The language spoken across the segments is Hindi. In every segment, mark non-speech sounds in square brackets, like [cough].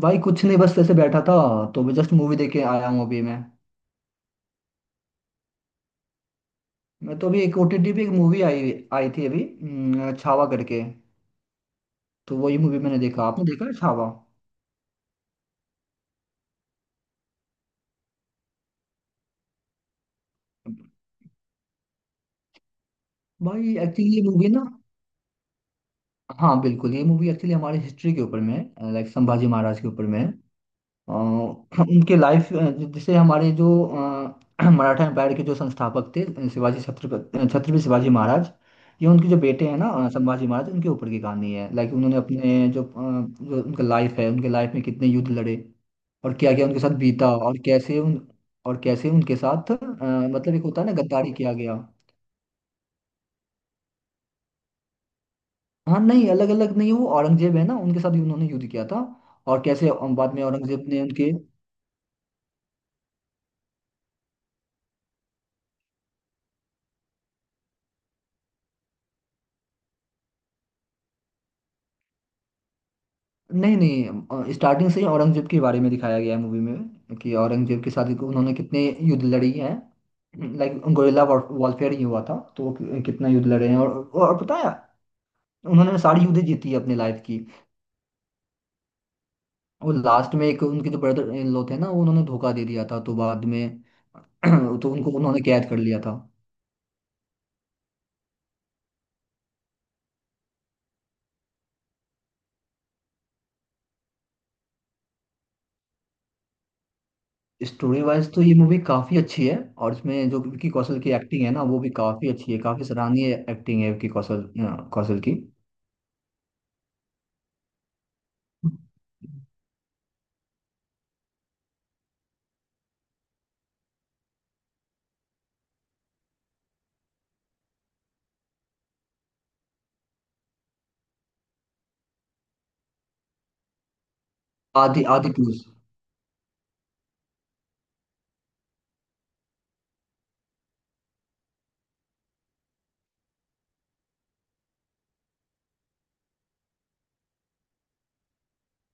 भाई कुछ नहीं, बस ऐसे बैठा था। तो मैं जस्ट मूवी देख के आया हूँ अभी। मैं तो अभी एक ओटीटी पे एक मूवी आई आई थी अभी, छावा करके। तो वही मूवी मैंने देखा। आपने देखा है छावा भाई? एक्चुअली ये मूवी ना, हाँ बिल्कुल, ये मूवी एक्चुअली हमारी हिस्ट्री के ऊपर में, लाइक संभाजी महाराज के ऊपर में है। अ, हम उनके लाइफ, जैसे हमारे जो [clears throat] मराठा एम्पायर के जो संस्थापक थे, शिवाजी छत्रपति छत्रपति शिवाजी महाराज, ये उनके जो बेटे हैं ना, संभाजी महाराज, उनके ऊपर की कहानी है। लाइक उन्होंने अपने जो जो उनका लाइफ है, उनके लाइफ में कितने युद्ध लड़े और क्या क्या उनके साथ बीता और कैसे उन, और कैसे उनके साथ मतलब एक होता है ना गद्दारी किया गया। हाँ नहीं, अलग अलग नहीं, वो औरंगजेब है ना, उनके साथ भी उन्होंने युद्ध किया था। और कैसे बाद में औरंगजेब ने उनके, नहीं नहीं, स्टार्टिंग से ही औरंगजेब के बारे में दिखाया गया है मूवी में, कि औरंगजेब के साथ उन्होंने कितने युद्ध लड़ी हैं। लाइक गोरिल्ला वॉरफेयर ही हुआ था, तो वो कितना युद्ध लड़े हैं। और पता है, उन्होंने सारी युद्ध जीती है अपनी लाइफ की। और लास्ट में एक उनके जो ब्रदर इन लॉ थे ना, वो उन्होंने धोखा दे दिया था, तो बाद में [clears throat] तो उनको उन्होंने कैद कर लिया था। स्टोरी वाइज तो ये मूवी काफी अच्छी है। और इसमें जो विकी कौशल की एक्टिंग है ना, वो भी काफी अच्छी है। काफी सराहनीय एक्टिंग है विकी कौशल, कौशल की। आदि आदि टूर्स।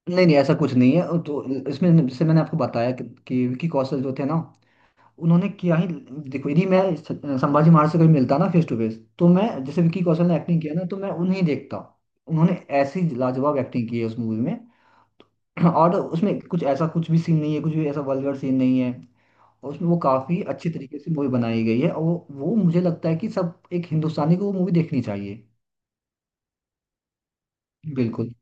नहीं नहीं, ऐसा कुछ नहीं है। तो इसमें, जैसे मैंने आपको बताया कि विकी कौशल जो थे ना, उन्होंने क्या ही, देखो, यदि मैं संभाजी महाराज से कभी मिलता ना फेस टू फेस, तो मैं जैसे विकी कौशल ने एक्टिंग किया ना, तो मैं उन्हें देखता। उन्होंने ऐसी लाजवाब एक्टिंग की है उस मूवी में। [clears throat] और उसमें कुछ ऐसा, कुछ भी सीन नहीं है, कुछ भी ऐसा वल्गर सीन नहीं है। और उसमें वो काफी अच्छी तरीके से मूवी बनाई गई है। और वो मुझे लगता है कि सब एक हिंदुस्तानी को वो मूवी देखनी चाहिए। बिल्कुल।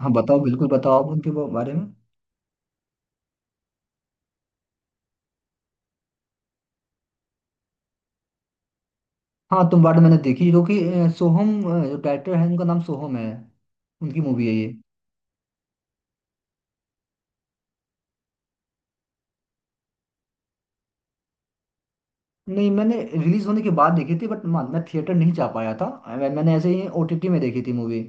हाँ बताओ, बिल्कुल बताओ आप उनके बारे में। हाँ, तुम वार्ड मैंने देखी, जो कि सोहम, जो डायरेक्टर है उनका नाम सोहम है, उनकी मूवी है ये। नहीं, मैंने रिलीज होने के बाद देखी थी, बट मैं थिएटर नहीं जा पाया था। मैंने ऐसे ही ओटीटी में देखी थी मूवी।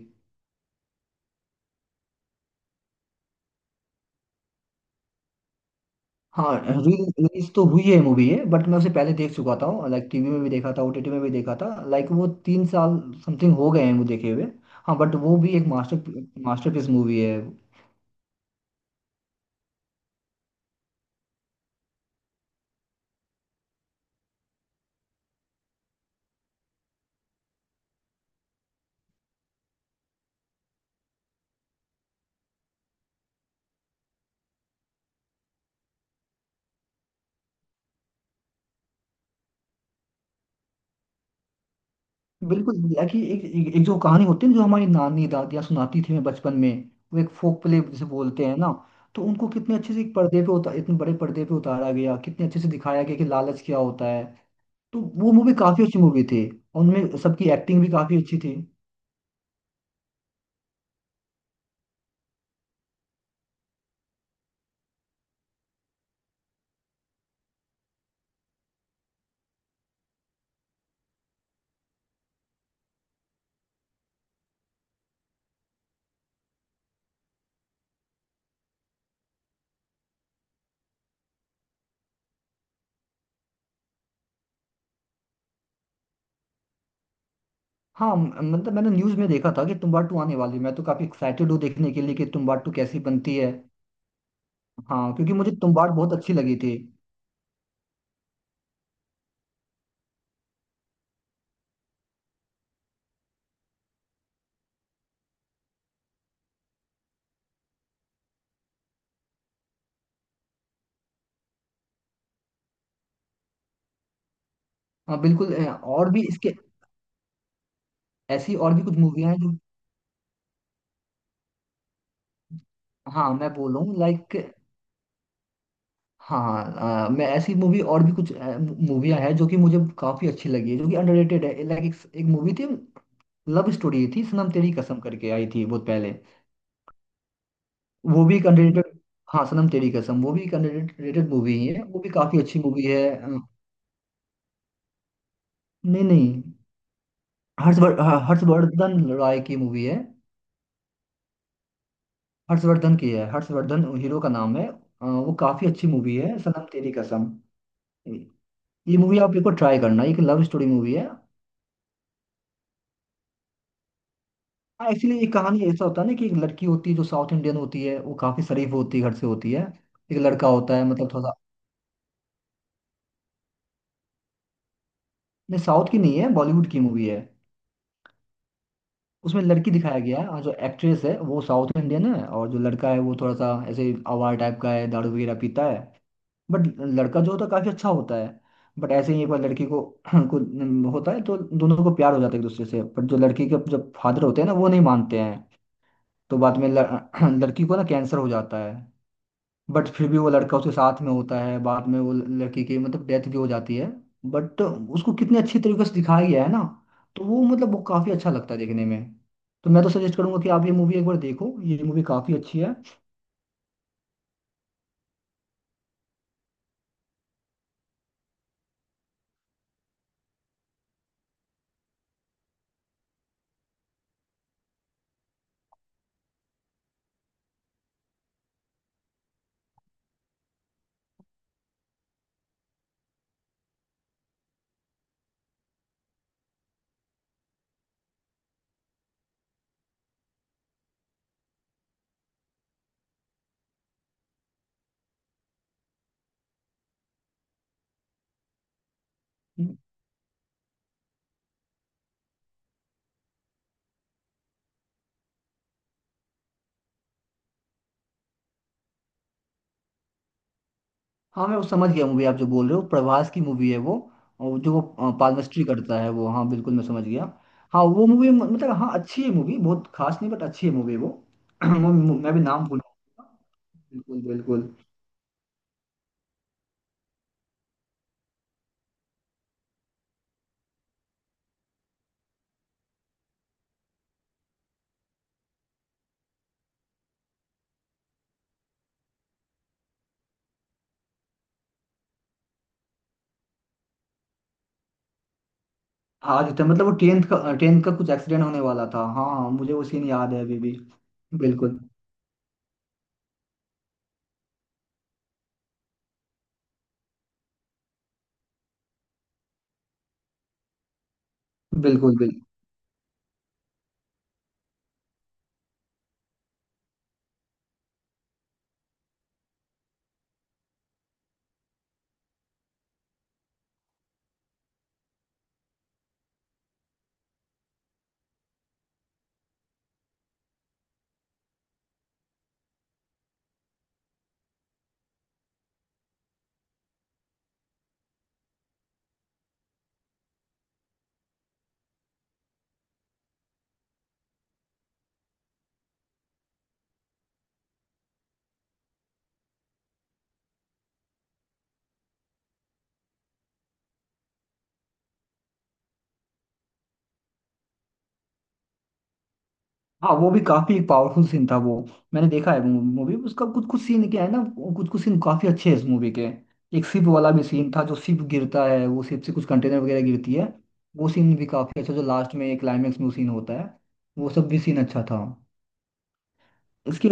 हाँ, रिलीज तो हुई है मूवी ये, बट मैं उसे पहले देख चुका था, लाइक टीवी में भी देखा था, ओटीटी में भी देखा था। लाइक वो तीन साल समथिंग हो गए हैं वो देखे हुए। हाँ, बट वो भी एक मास्टरपीस मूवी है। बिल्कुल एक्चुअली एक जो कहानी होती है ना, जो हमारी नानी दादियाँ सुनाती थी हमें बचपन में, वो एक फोक प्ले जिसे बोलते हैं ना, तो उनको कितने अच्छे से एक पर्दे पे उतार, इतने बड़े पर्दे पे उतारा गया, कितने अच्छे से दिखाया गया कि लालच क्या होता है। तो वो मूवी काफी अच्छी मूवी थी। और उनमें सबकी एक्टिंग भी काफी अच्छी थी। हाँ, मतलब मैंने न्यूज में देखा था कि तुम्बाड़ टू आने वाली है। मैं तो काफी एक्साइटेड हूँ देखने के लिए कि तुम्बाड़ टू कैसी बनती है। हाँ, क्योंकि मुझे तुम्बाड़ बहुत अच्छी लगी थी। हाँ बिल्कुल, और भी इसके, ऐसी और भी कुछ मूवियाँ हैं जो, हाँ मैं बोल रहा हूँ लाइक, हाँ हाँ, मैं ऐसी मूवी, और भी कुछ मूवियाँ हैं जो कि मुझे काफी अच्छी लगी है, जो कि अंडररेटेड है। लाइक एक मूवी थी, लव स्टोरी थी, सनम तेरी कसम करके आई थी बहुत पहले। वो भी एक अंडररेटेड, हाँ सनम तेरी कसम, वो भी एक अंडररेटेड मूवी है, वो भी काफी अच्छी मूवी है। नहीं नहीं, हर्षवर्धन रॉय की मूवी है। हर्षवर्धन की है, हर्षवर्धन हीरो का नाम है। वो काफी अच्छी मूवी है सनम तेरी कसम। ये मूवी आप एक बार ट्राई करना, एक लव स्टोरी मूवी है। हाँ एक्चुअली ये कहानी ऐसा होता है ना कि एक लड़की होती है, जो साउथ इंडियन होती है, वो काफी शरीफ होती है, घर से होती है। एक लड़का होता है, मतलब थोड़ा, नहीं साउथ की नहीं है, बॉलीवुड की मूवी है। उसमें लड़की दिखाया गया है, और जो एक्ट्रेस है वो साउथ इंडियन है। और जो लड़का है, वो थोड़ा सा ऐसे आवारा टाइप का है, दारू वगैरह पीता है। बट लड़का जो होता है काफी अच्छा होता है। बट ऐसे ही एक बार लड़की को [clears throat] को होता है, तो दोनों को प्यार हो जाता है एक दूसरे से। बट जो लड़की के जब फादर होते हैं ना, वो नहीं मानते हैं। तो बाद में [clears throat] लड़की को ना कैंसर हो जाता है। बट फिर भी वो लड़का उसके साथ में होता है। बाद में वो लड़की की मतलब डेथ भी हो जाती है। बट उसको कितने अच्छी तरीके से दिखाया गया है ना, तो वो मतलब वो काफी अच्छा लगता है देखने में। तो मैं तो सजेस्ट करूंगा कि आप ये मूवी एक बार देखो, ये मूवी काफी अच्छी है। हाँ मैं वो समझ गया, मूवी आप जो बोल रहे हो, प्रभास की मूवी है वो। और जो वो पादमश्री करता है वो, हाँ बिल्कुल मैं समझ गया। हाँ वो मूवी, मतलब हाँ अच्छी है मूवी, बहुत खास नहीं, बट अच्छी है मूवी वो। [clears throat] मैं मैं भी नाम भूल, बिल्कुल बिल्कुल। आज था, मतलब वो टेंथ का कुछ एक्सीडेंट होने वाला था। हाँ हाँ, मुझे वो सीन याद है अभी भी। बिल्कुल बिल्कुल। बिल्कुल। हाँ वो भी काफी पावरफुल सीन था वो। मैंने देखा है मूवी, उसका कुछ कुछ सीन क्या है ना, कुछ कुछ सीन काफी अच्छे हैं इस मूवी के। एक शिप वाला भी सीन था, जो शिप गिरता है, वो शिप से कुछ कंटेनर वगैरह गिरती है, वो सीन भी काफी अच्छा, जो लास्ट में क्लाइमेक्स में वो सीन होता है, वो सब भी सीन अच्छा था। इसके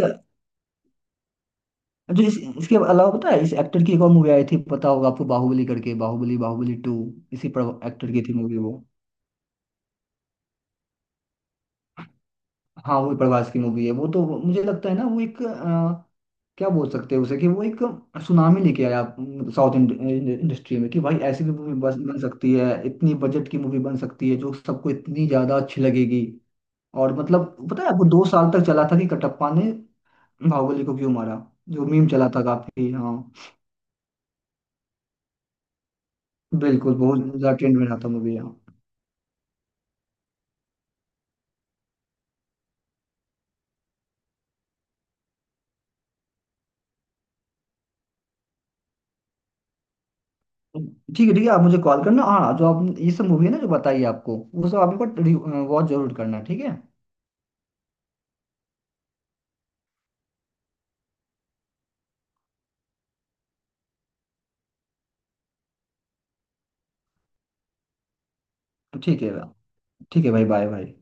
जो इसके अलावा, पता है, इस एक्टर की एक और मूवी आई थी, पता होगा आपको, बाहुबली करके, बाहुबली बाहुबली टू, इसी पर एक्टर की थी मूवी वो। हाँ वो प्रभास की मूवी है वो, तो मुझे लगता है ना वो एक क्या बोल सकते हैं उसे, कि वो एक सुनामी लेके आया साउथ इंडस्ट्री में, कि भाई ऐसी भी मूवी बन बन सकती है, इतनी बजट की मूवी बन सकती है जो सबको इतनी ज्यादा अच्छी लगेगी। और मतलब पता है वो 2 साल तक चला था कि कटप्पा ने बाहुबली को क्यों मारा, जो मीम चला था काफी, हाँ बिल्कुल, बहुत ज्यादा ट्रेंड में रहा था मूवी हाँ। ठीक है ठीक है, आप मुझे कॉल करना, हाँ जो आप ये सब मूवी है ना जो बताइए आपको, वो सब आप एक बार वॉच जरूर करना ठीक है। ठीक है, ठीक है भाई, बाय भाई।